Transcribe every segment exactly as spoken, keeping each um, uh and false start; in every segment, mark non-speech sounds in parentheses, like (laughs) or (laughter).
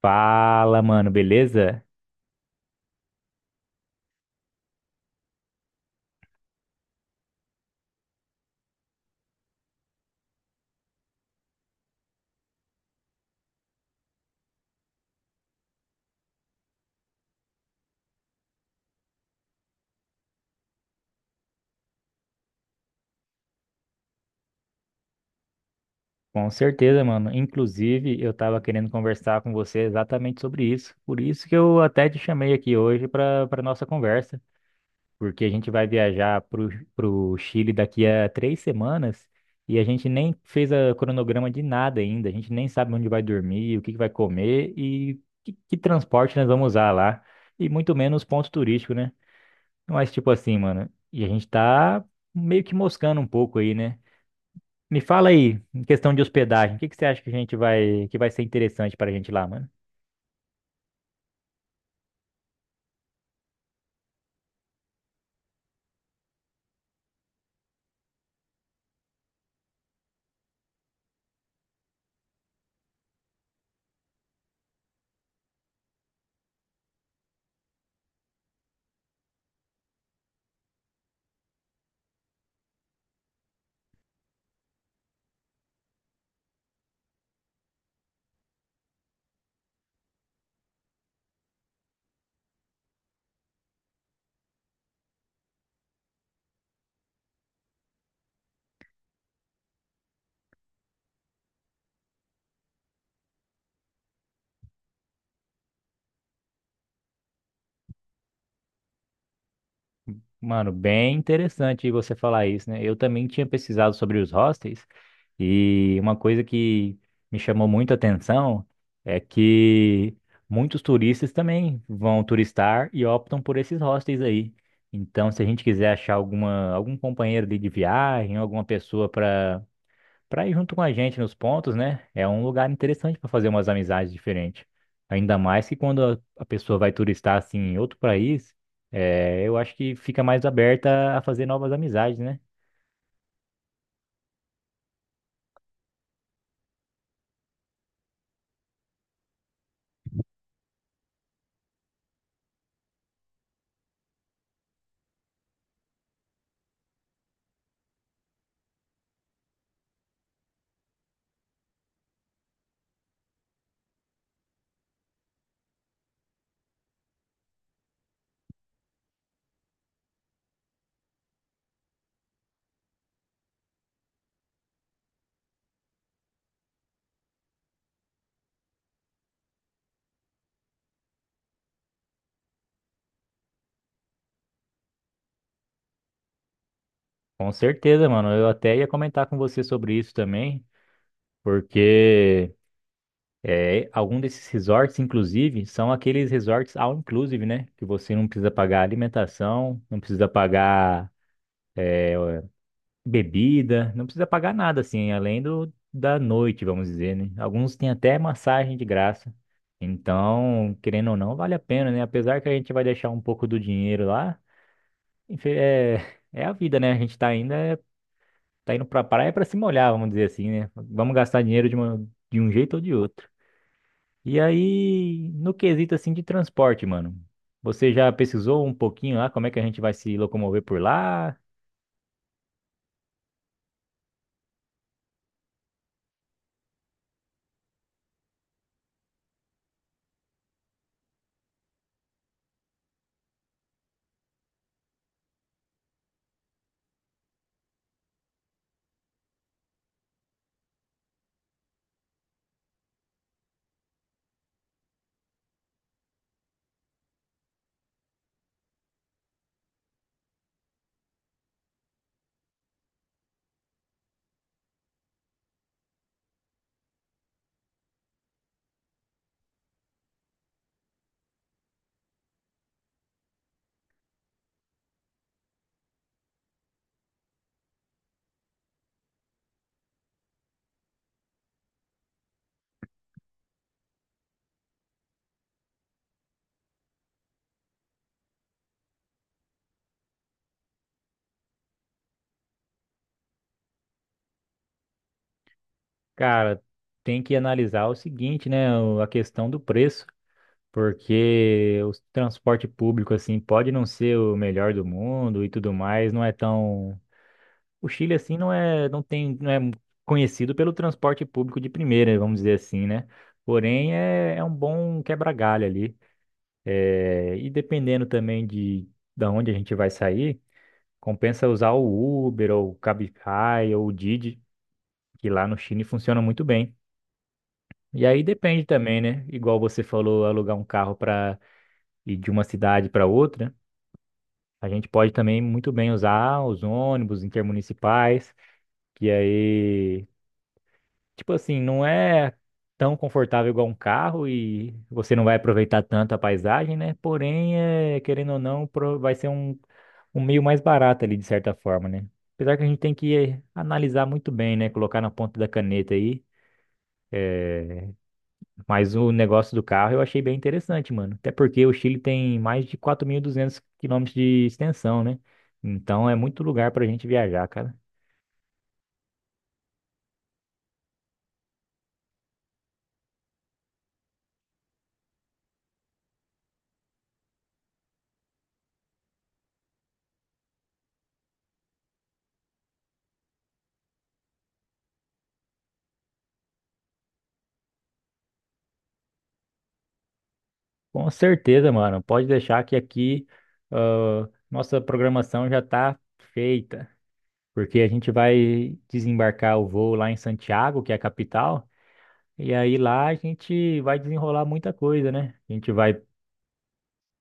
Fala, mano, beleza? Com certeza, mano. Inclusive, eu tava querendo conversar com você exatamente sobre isso. Por isso que eu até te chamei aqui hoje para para nossa conversa, porque a gente vai viajar pro, pro Chile daqui a três semanas e a gente nem fez a cronograma de nada ainda. A gente nem sabe onde vai dormir, o que que vai comer e que, que transporte nós vamos usar lá, e muito menos ponto turístico, né? Mas tipo assim, mano, e a gente tá meio que moscando um pouco aí, né? Me fala aí, em questão de hospedagem, o que que você acha que a gente vai, que vai ser interessante pra gente lá, mano? Mano, bem interessante você falar isso, né? Eu também tinha pesquisado sobre os hostels e uma coisa que me chamou muito a atenção é que muitos turistas também vão turistar e optam por esses hostels aí. Então, se a gente quiser achar alguma, algum companheiro ali de viagem, alguma pessoa para para ir junto com a gente nos pontos, né? É um lugar interessante para fazer umas amizades diferentes. Ainda mais que quando a a pessoa vai turistar assim em outro país, é, eu acho que fica mais aberta a fazer novas amizades, né? Com certeza, mano. Eu até ia comentar com você sobre isso também, porque é, algum desses resorts, inclusive, são aqueles resorts all inclusive, né? Que você não precisa pagar alimentação, não precisa pagar é, bebida, não precisa pagar nada assim, além do da noite, vamos dizer, né? Alguns têm até massagem de graça. Então, querendo ou não, vale a pena, né? Apesar que a gente vai deixar um pouco do dinheiro lá, enfim, é, é a vida, né? A gente tá ainda é- tá indo pra praia pra se molhar, vamos dizer assim, né? Vamos gastar dinheiro de, uma- de um jeito ou de outro. E aí, no quesito assim de transporte, mano, você já pesquisou um pouquinho lá como é que a gente vai se locomover por lá? Cara, tem que analisar o seguinte, né? o- A questão do preço, porque o transporte público, assim, pode não ser o melhor do mundo e tudo mais, não é tão. O Chile, assim, não é, não tem, não é conhecido pelo transporte público de primeira, vamos dizer assim, né? Porém, é, é um bom quebra-galho ali. É, e dependendo também de, da onde a gente vai sair, compensa usar o Uber, ou o Cabify, ou o Didi, que lá no Chile funciona muito bem. E aí depende também, né? Igual você falou, alugar um carro para ir de uma cidade para outra, a gente pode também muito bem usar os ônibus intermunicipais, que aí, tipo assim, não é tão confortável igual um carro e você não vai aproveitar tanto a paisagem, né? Porém, é, querendo ou não, pro- vai ser um, um meio mais barato ali, de certa forma, né? Apesar que a gente tem que eh, analisar muito bem, né? Colocar na ponta da caneta aí. Mas o negócio do carro eu achei bem interessante, mano. Até porque o Chile tem mais de quatro mil e duzentos quilômetros de extensão, né? Então é muito lugar pra gente viajar, cara. Com certeza, mano. Pode deixar que aqui ah, nossa programação já tá feita. Porque a gente vai desembarcar o voo lá em Santiago, que é a capital. E aí lá a gente vai desenrolar muita coisa, né? A gente vai.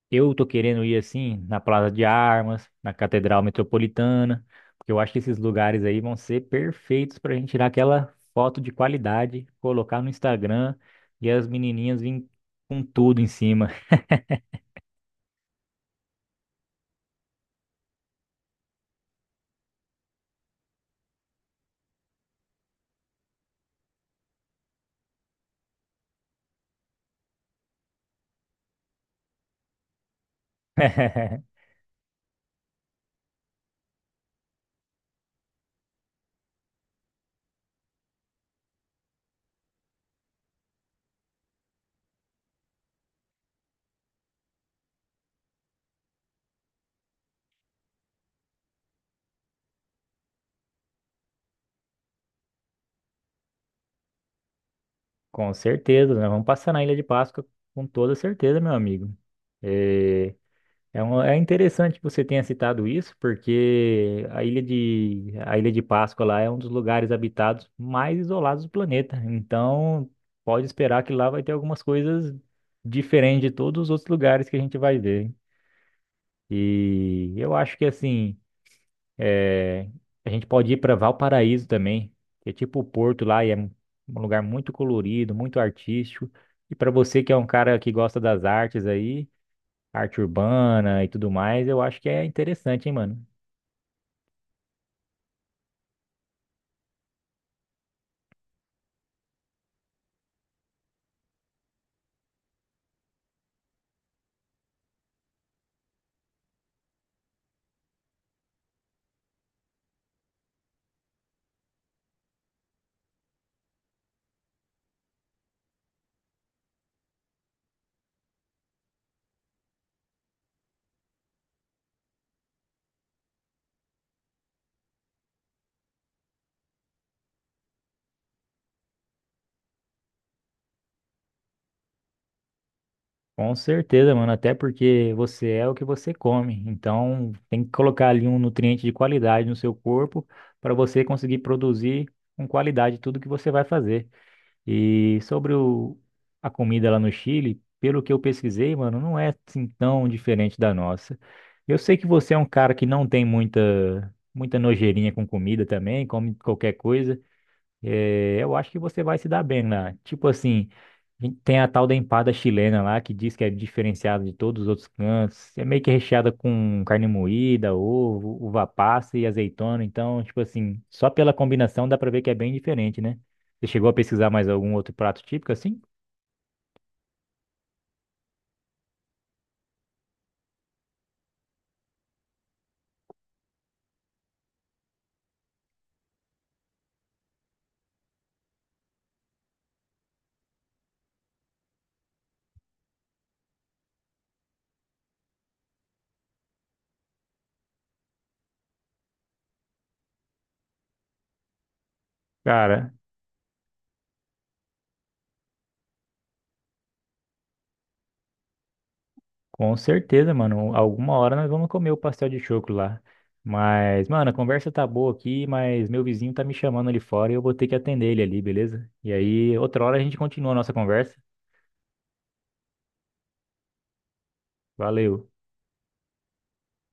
Eu tô querendo ir assim na Plaza de Armas, na Catedral Metropolitana, porque eu acho que esses lugares aí vão ser perfeitos pra gente tirar aquela foto de qualidade, colocar no Instagram e as menininhas virem com tudo em cima. (laughs) Com certeza, nós vamos passar na Ilha de Páscoa com toda certeza, meu amigo. É, É, um- é interessante que você tenha citado isso, porque a Ilha de, a Ilha de Páscoa lá é um dos lugares habitados mais isolados do planeta. Então, pode esperar que lá vai ter algumas coisas diferentes de todos os outros lugares que a gente vai ver. E eu acho que, assim, é, a gente pode ir para Valparaíso também, que é tipo o Porto lá, e é um lugar muito colorido, muito artístico. E para você que é um cara que gosta das artes aí arte urbana e tudo mais, eu acho que é interessante, hein, mano? Com certeza, mano, até porque você é o que você come. Então, tem que colocar ali um nutriente de qualidade no seu corpo para você conseguir produzir com qualidade tudo que você vai fazer. E sobre o, a comida lá no Chile, pelo que eu pesquisei, mano, não é assim tão diferente da nossa. Eu sei que você é um cara que não tem muita muita nojeirinha com comida também, come qualquer coisa. É, eu acho que você vai se dar bem lá. Tipo assim, a gente tem a tal da empada chilena lá, que diz que é diferenciada de todos os outros cantos. É meio que recheada com carne moída, ovo, uva passa e azeitona. Então, tipo assim, só pela combinação dá pra ver que é bem diferente, né? Você chegou a pesquisar mais algum outro prato típico assim? Cara, com certeza, mano. Alguma hora nós vamos comer o pastel de choco lá. Mas, mano, a conversa tá boa aqui, mas meu vizinho tá me chamando ali fora e eu vou ter que atender ele ali, beleza? E aí, outra hora a gente continua a nossa conversa. Valeu.